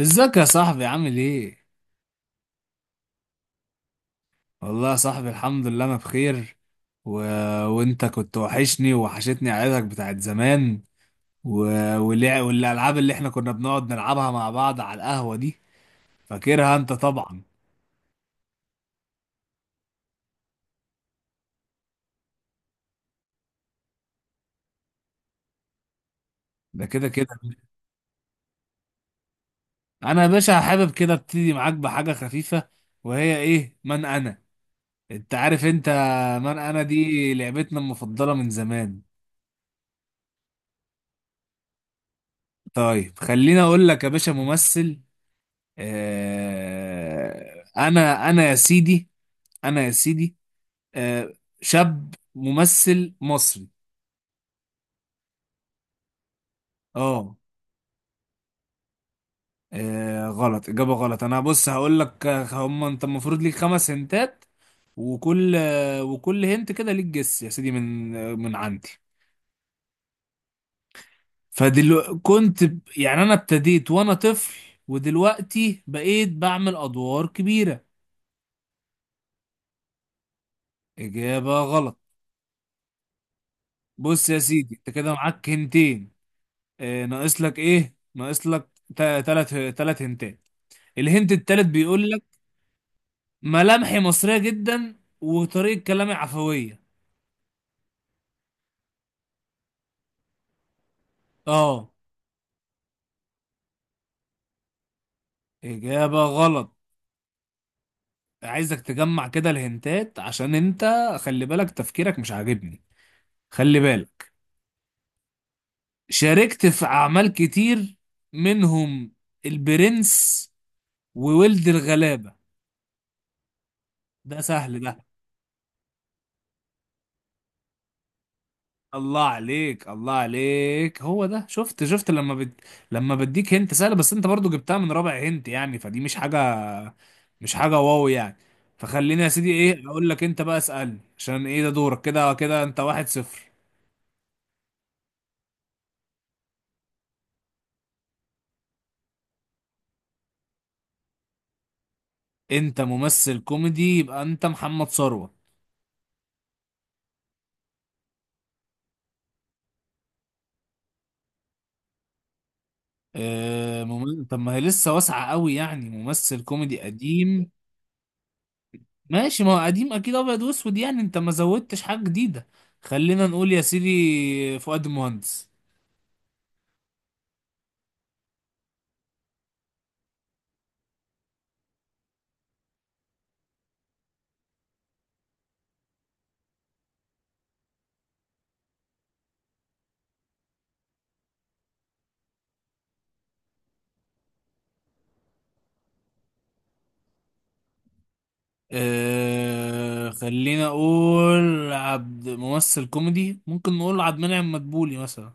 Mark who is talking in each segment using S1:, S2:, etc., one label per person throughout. S1: ازيك يا صاحبي، عامل ايه؟ والله يا صاحبي، الحمد لله انا بخير. و... وانت كنت وحشني ووحشتني عيلتك بتاعت زمان. و... والالعاب اللي احنا كنا بنقعد نلعبها مع بعض على القهوة دي، فاكرها انت طبعا. ده كده كده. انا يا باشا حابب كده ابتدي معاك بحاجة خفيفة، وهي ايه؟ من انا. انت عارف انت، من انا دي لعبتنا المفضلة من زمان. طيب، خليني اقول لك يا باشا، ممثل. انا يا سيدي، انا يا سيدي آه شاب ممثل مصري. اه غلط، اجابه غلط. انا، بص هقول لك، آه، هم انت المفروض ليك 5 هنتات، وكل هنت كده ليك جس يا سيدي من عندي. يعني انا ابتديت وانا طفل، ودلوقتي بقيت بعمل ادوار كبيره. اجابه غلط. بص يا سيدي، انت كده معاك هنتين. ناقص لك ايه؟ ناقص لك تلات هنتات. الهنت التالت بيقول: ملامحي مصرية جدا وطريقة كلامي عفوية. اه إجابة غلط. عايزك تجمع كده الهنتات، عشان انت، خلي بالك، تفكيرك مش عاجبني. خلي بالك، شاركت في أعمال كتير، منهم البرنس وولد الغلابة. ده سهل ده. الله عليك الله عليك، هو ده. شفت لما بديك هنت سهله، بس انت برضو جبتها من رابع هنت، يعني فدي مش حاجه، مش حاجه واو يعني. فخليني يا سيدي، ايه اقول لك، انت بقى اسالني، عشان ايه ده دورك. كده كده انت 1-0. انت ممثل كوميدي، يبقى انت محمد ثروت. اه، طب ما هي لسه واسعه قوي يعني، ممثل كوميدي قديم. ماشي، ما هو قديم اكيد ابيض واسود يعني، انت ما زودتش حاجه جديده. خلينا نقول يا سيدي فؤاد المهندس. أه، خلينا اقول عبد، ممثل كوميدي، ممكن نقول عبد المنعم مدبولي مثلا.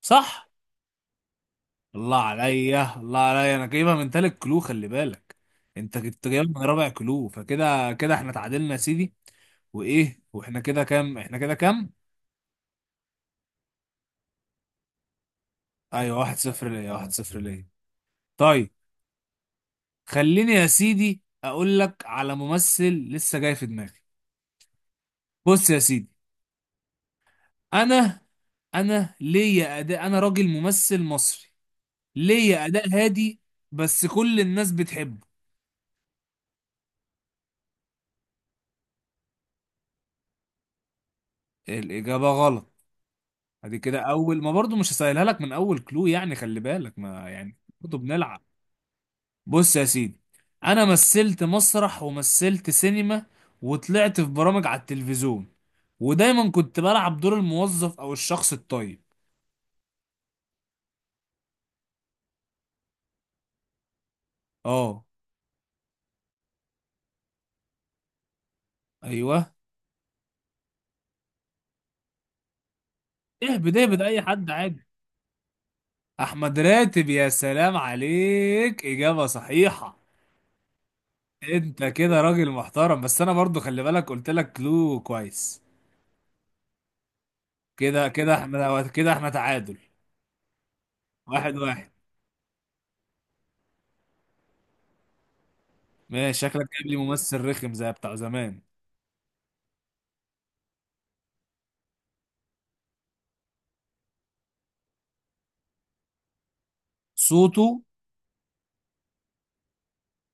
S1: صح. الله عليا الله عليا، انا جايبها من تالت كلو، خلي بالك. انت كنت جايبها من رابع كلو، فكده كده احنا تعادلنا يا سيدي. وايه؟ واحنا كده كام؟ احنا كده كام؟ ايوه، 1-0 ليا، 1-0 ليا. طيب، خليني يا سيدي اقول لك على ممثل لسه جاي في دماغي. بص يا سيدي، انا انا ليا اداء، انا راجل ممثل مصري، ليه اداء هادي، بس كل الناس بتحبه. الاجابه غلط. ادي كده، اول ما برضو مش هسهلها لك من اول كلو يعني، خلي بالك، ما يعني برضو بنلعب. بص يا سيدي، انا مثلت مسرح ومثلت سينما، وطلعت في برامج على التلفزيون، ودايما كنت بلعب دور الموظف او الشخص الطيب. اه، ايوه، اهبد اهبد، اي حد عادي. احمد راتب، يا سلام عليك، اجابه صحيحه. انت كده راجل محترم، بس انا برضو خلي بالك، قلت لك كلو كويس. كده كده احنا، كده احنا تعادل 1-1. ماشي، شكلك جايب لي ممثل رخم زي بتاع زمان. صوته.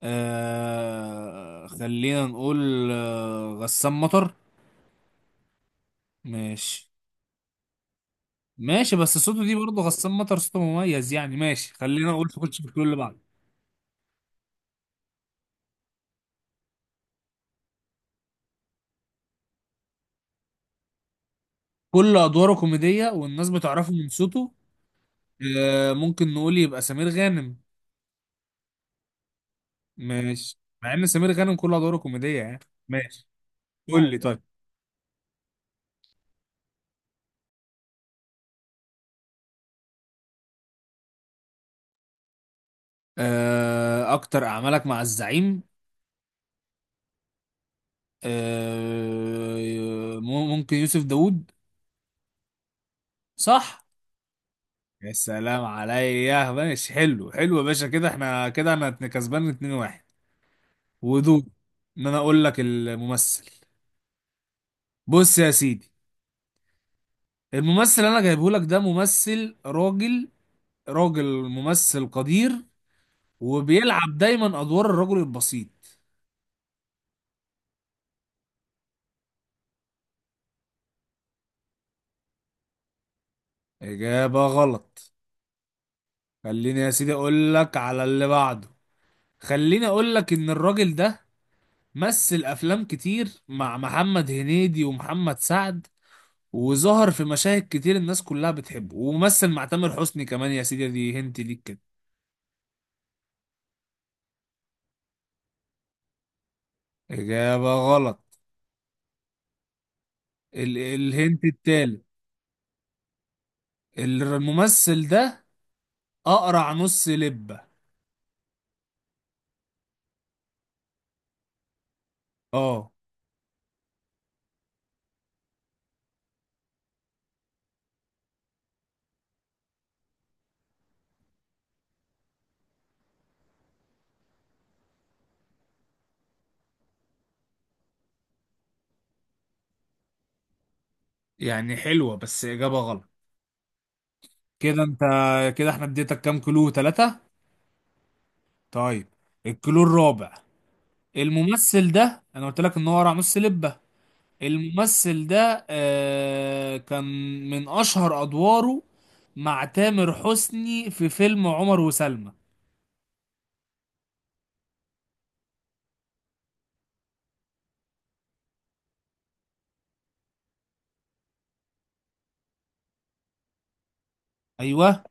S1: خلينا نقول غسان مطر. ماشي. ماشي، بس صوته دي برضه غسان مطر صوته مميز يعني، ماشي، خلينا نقول في كل اللي بعده. كل ادواره كوميدية والناس بتعرفه من صوته. ممكن نقول يبقى سمير غانم. ماشي، مع ان سمير غانم كل ادواره كوميديه يعني. ماشي، قول لي طيب. اكتر اعمالك مع الزعيم. ممكن يوسف داوود. صح. يا سلام عليا، ماشي، حلو حلو يا باشا، كده احنا كده انا كسبان 2-1، ودور ان انا اقول لك الممثل. بص يا سيدي، الممثل اللي انا جايبه لك ده ممثل راجل، راجل ممثل قدير، وبيلعب دايما ادوار الرجل البسيط. اجابة غلط. خليني يا سيدي اقول لك على اللي بعده. خليني اقول لك ان الراجل ده مثل افلام كتير مع محمد هنيدي ومحمد سعد، وظهر في مشاهد كتير الناس كلها بتحبه، ومثل مع تامر حسني كمان يا سيدي، دي هنت ليك كده. اجابة غلط. الهنت التالت: الممثل ده اقرع نص لبة. اه. يعني حلوة، بس اجابة غلط. كده انت، كده احنا اديتك كام كلو؟ ثلاثة. طيب، الكلو الرابع. الممثل ده، انا قلت لك ان هو راموس سلبة. الممثل ده كان من اشهر ادواره مع تامر حسني في فيلم عمر وسلمى. ايوه.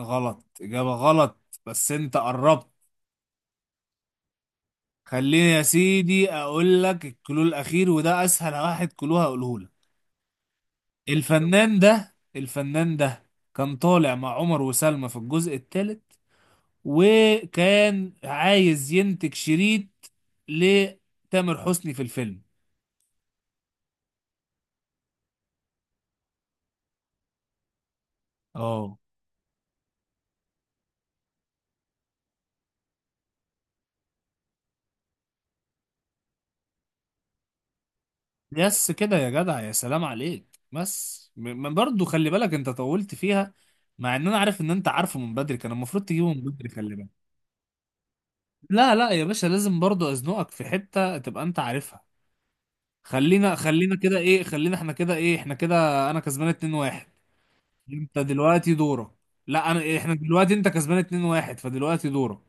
S1: غلط، اجابة غلط، بس انت قربت. خليني يا سيدي اقول لك الكلو الاخير، وده اسهل واحد كلو هقوله لك. الفنان ده، الفنان ده كان طالع مع عمر وسلمى في الجزء الثالث، وكان عايز ينتج شريط لتامر حسني في الفيلم. اه، يس كده يا جدع، يا سلام عليك، بس برضه خلي بالك، انت طولت فيها، مع ان انا عارف ان انت عارفه من بدري، كان المفروض تجيبه من بدري، خلي بالك. لا لا يا باشا، لازم برضه ازنقك في حتة تبقى انت عارفها. خلينا كده ايه، احنا كده انا كسبان 2-1. انت دلوقتي دورك. لا، احنا دلوقتي، انت كسبان 2-1، فدلوقتي دورك.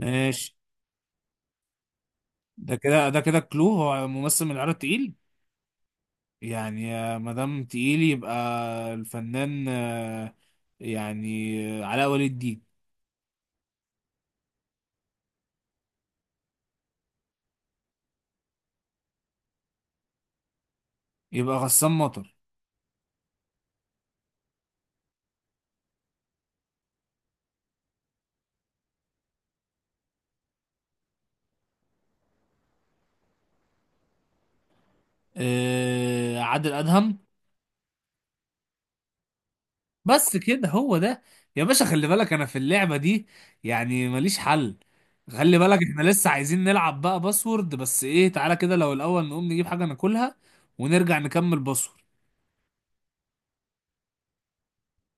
S1: ماشي. ده كده كلو، هو ممثل من العيار التقيل. يعني ما دام تقيل، يبقى الفنان، يعني علاء ولي الدين. يبقى غسان مطر. عادل أدهم. بس كده هو ده. يا باشا، خلي بالك انا في اللعبة دي يعني ماليش حل. خلي بالك، احنا لسه عايزين نلعب بقى باسورد، بس ايه، تعالى كده لو الاول نقوم نجيب حاجة ناكلها ونرجع نكمل باسورد.